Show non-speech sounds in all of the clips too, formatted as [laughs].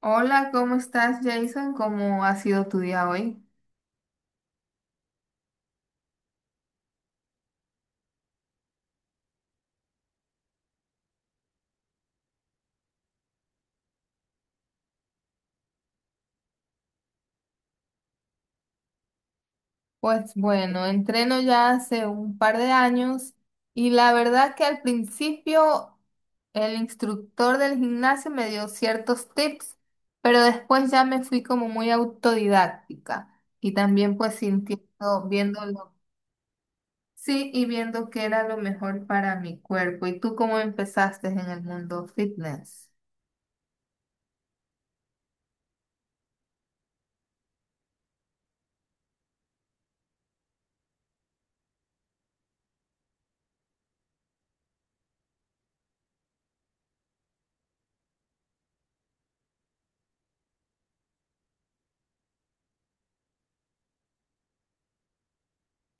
Hola, ¿cómo estás, Jason? ¿Cómo ha sido tu día hoy? Pues bueno, entreno ya hace un par de años y la verdad que al principio el instructor del gimnasio me dio ciertos tips, pero después ya me fui como muy autodidáctica y también pues sintiendo, viéndolo, sí, y viendo qué era lo mejor para mi cuerpo. ¿Y tú cómo empezaste en el mundo fitness?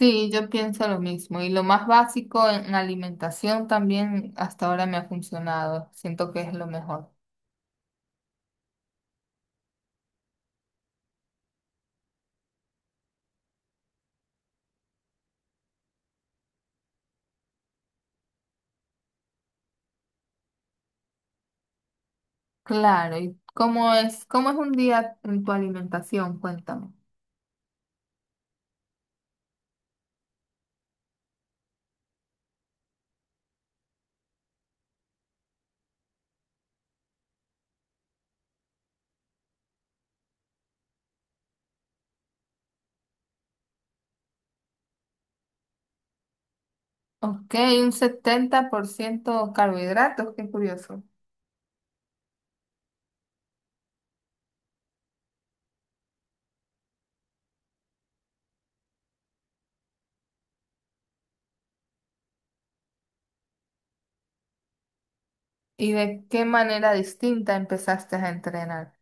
Sí, yo pienso lo mismo. Y lo más básico en alimentación también hasta ahora me ha funcionado. Siento que es lo mejor. Claro, ¿y cómo es un día en tu alimentación? Cuéntame. Ok, un 70% carbohidratos, qué curioso. ¿Y de qué manera distinta empezaste a entrenar?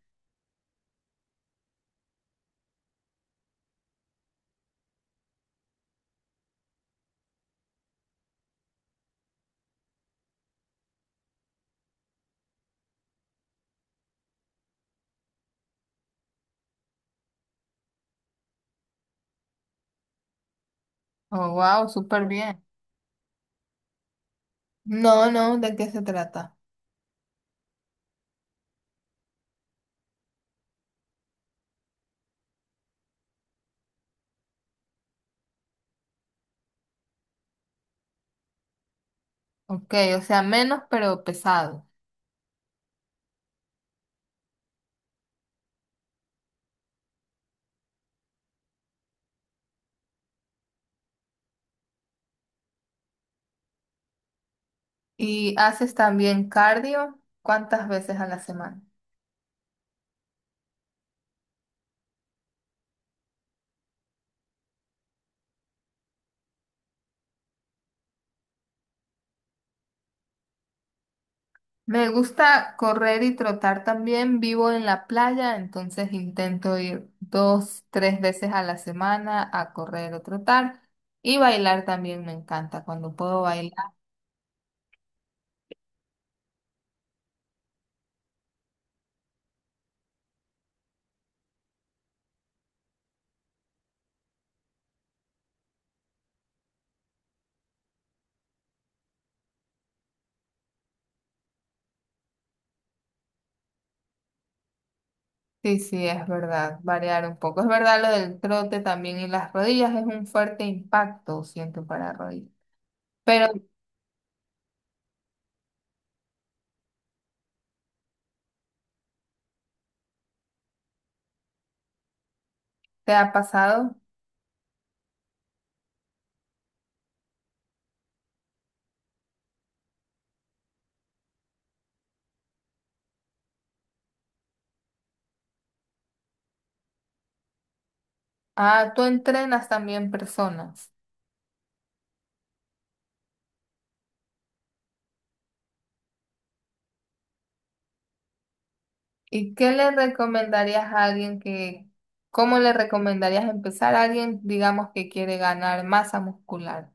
Oh, wow, súper bien. No, no, ¿de qué se trata? Ok, o sea, menos pero pesado. ¿Y haces también cardio? ¿Cuántas veces a la semana? Me gusta correr y trotar también. Vivo en la playa, entonces intento ir dos, tres veces a la semana a correr o trotar. Y bailar también me encanta cuando puedo bailar. Sí, sí, es verdad, variar un poco. Es verdad lo del trote también y las rodillas es un fuerte impacto, siento, para rodillas. Pero ¿te ha pasado? Ah, tú entrenas también personas. ¿Y qué le recomendarías a alguien que, cómo le recomendarías empezar a alguien, digamos, que quiere ganar masa muscular?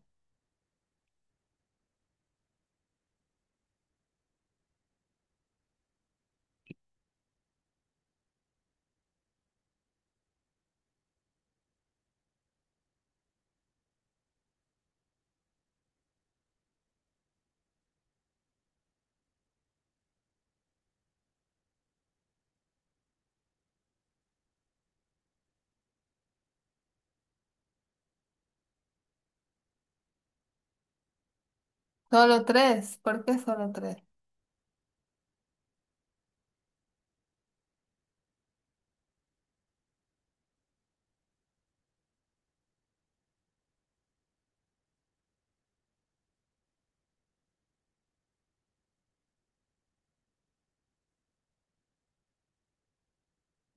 Solo tres, ¿por qué solo tres?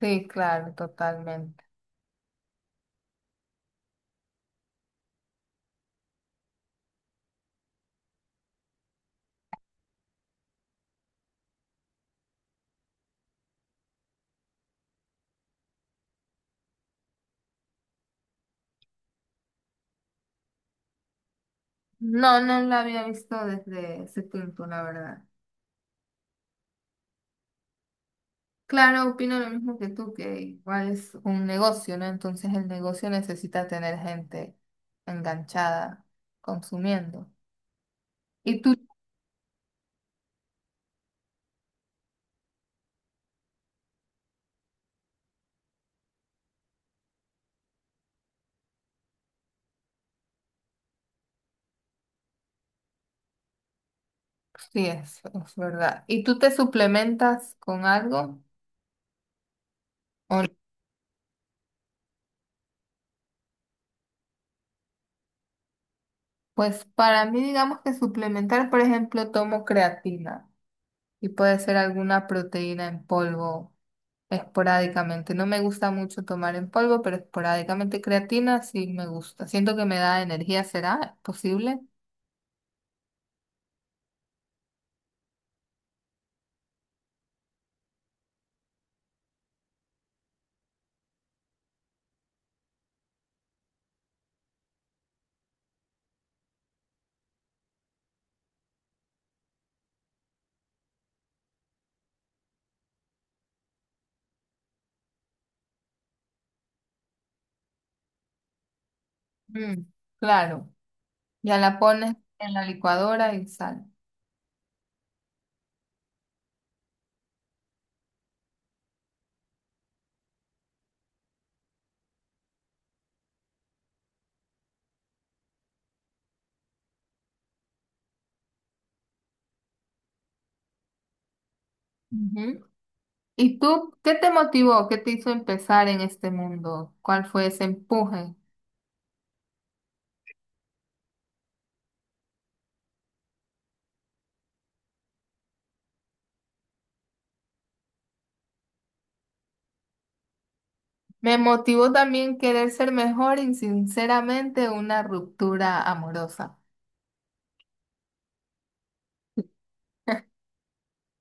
Sí, claro, totalmente. No, no lo había visto desde ese punto, la verdad. Claro, opino lo mismo que tú, que igual es un negocio, ¿no? Entonces el negocio necesita tener gente enganchada, consumiendo. Y tú, sí, es verdad. ¿Y tú te suplementas con algo o pues para mí, digamos que suplementar, por ejemplo, tomo creatina y puede ser alguna proteína en polvo esporádicamente. No me gusta mucho tomar en polvo, pero esporádicamente creatina sí me gusta. Siento que me da energía, ¿será? ¿Es posible? Mm, claro, ya la pones en la licuadora y sal. Ujú. ¿Y tú qué te motivó? ¿Qué te hizo empezar en este mundo? ¿Cuál fue ese empuje? Me motivó también querer ser mejor y sinceramente una ruptura amorosa.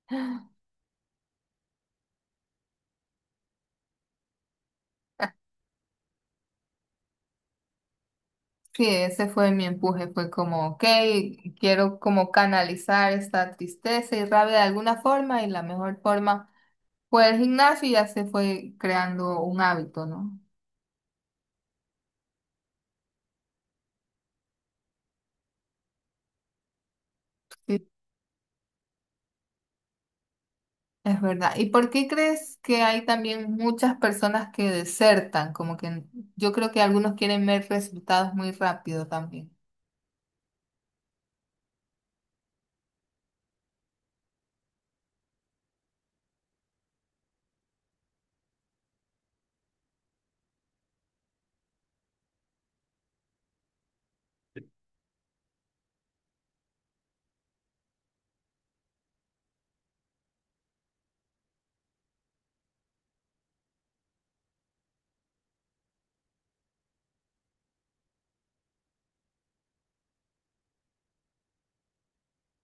[laughs] Sí, ese fue mi empuje, fue como, ok, quiero como canalizar esta tristeza y rabia de alguna forma y la mejor forma fue el gimnasio y ya se fue creando un hábito, ¿no? Sí, es verdad. ¿Y por qué crees que hay también muchas personas que desertan? Como que yo creo que algunos quieren ver resultados muy rápido también.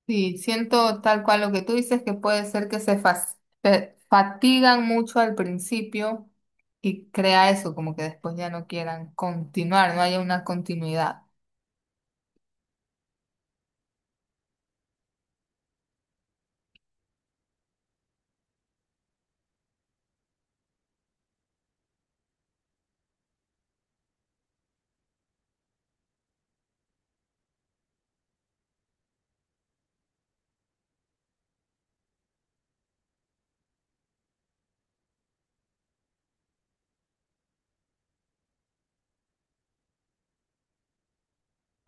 Sí, siento tal cual lo que tú dices, que puede ser que fatigan mucho al principio y crea eso, como que después ya no quieran continuar, no haya una continuidad.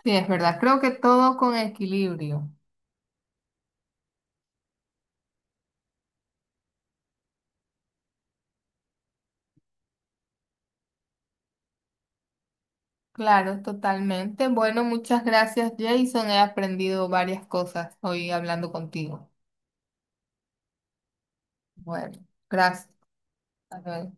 Sí, es verdad, creo que todo con equilibrio. Claro, totalmente. Bueno, muchas gracias, Jason. He aprendido varias cosas hoy hablando contigo. Bueno, gracias. Hasta luego.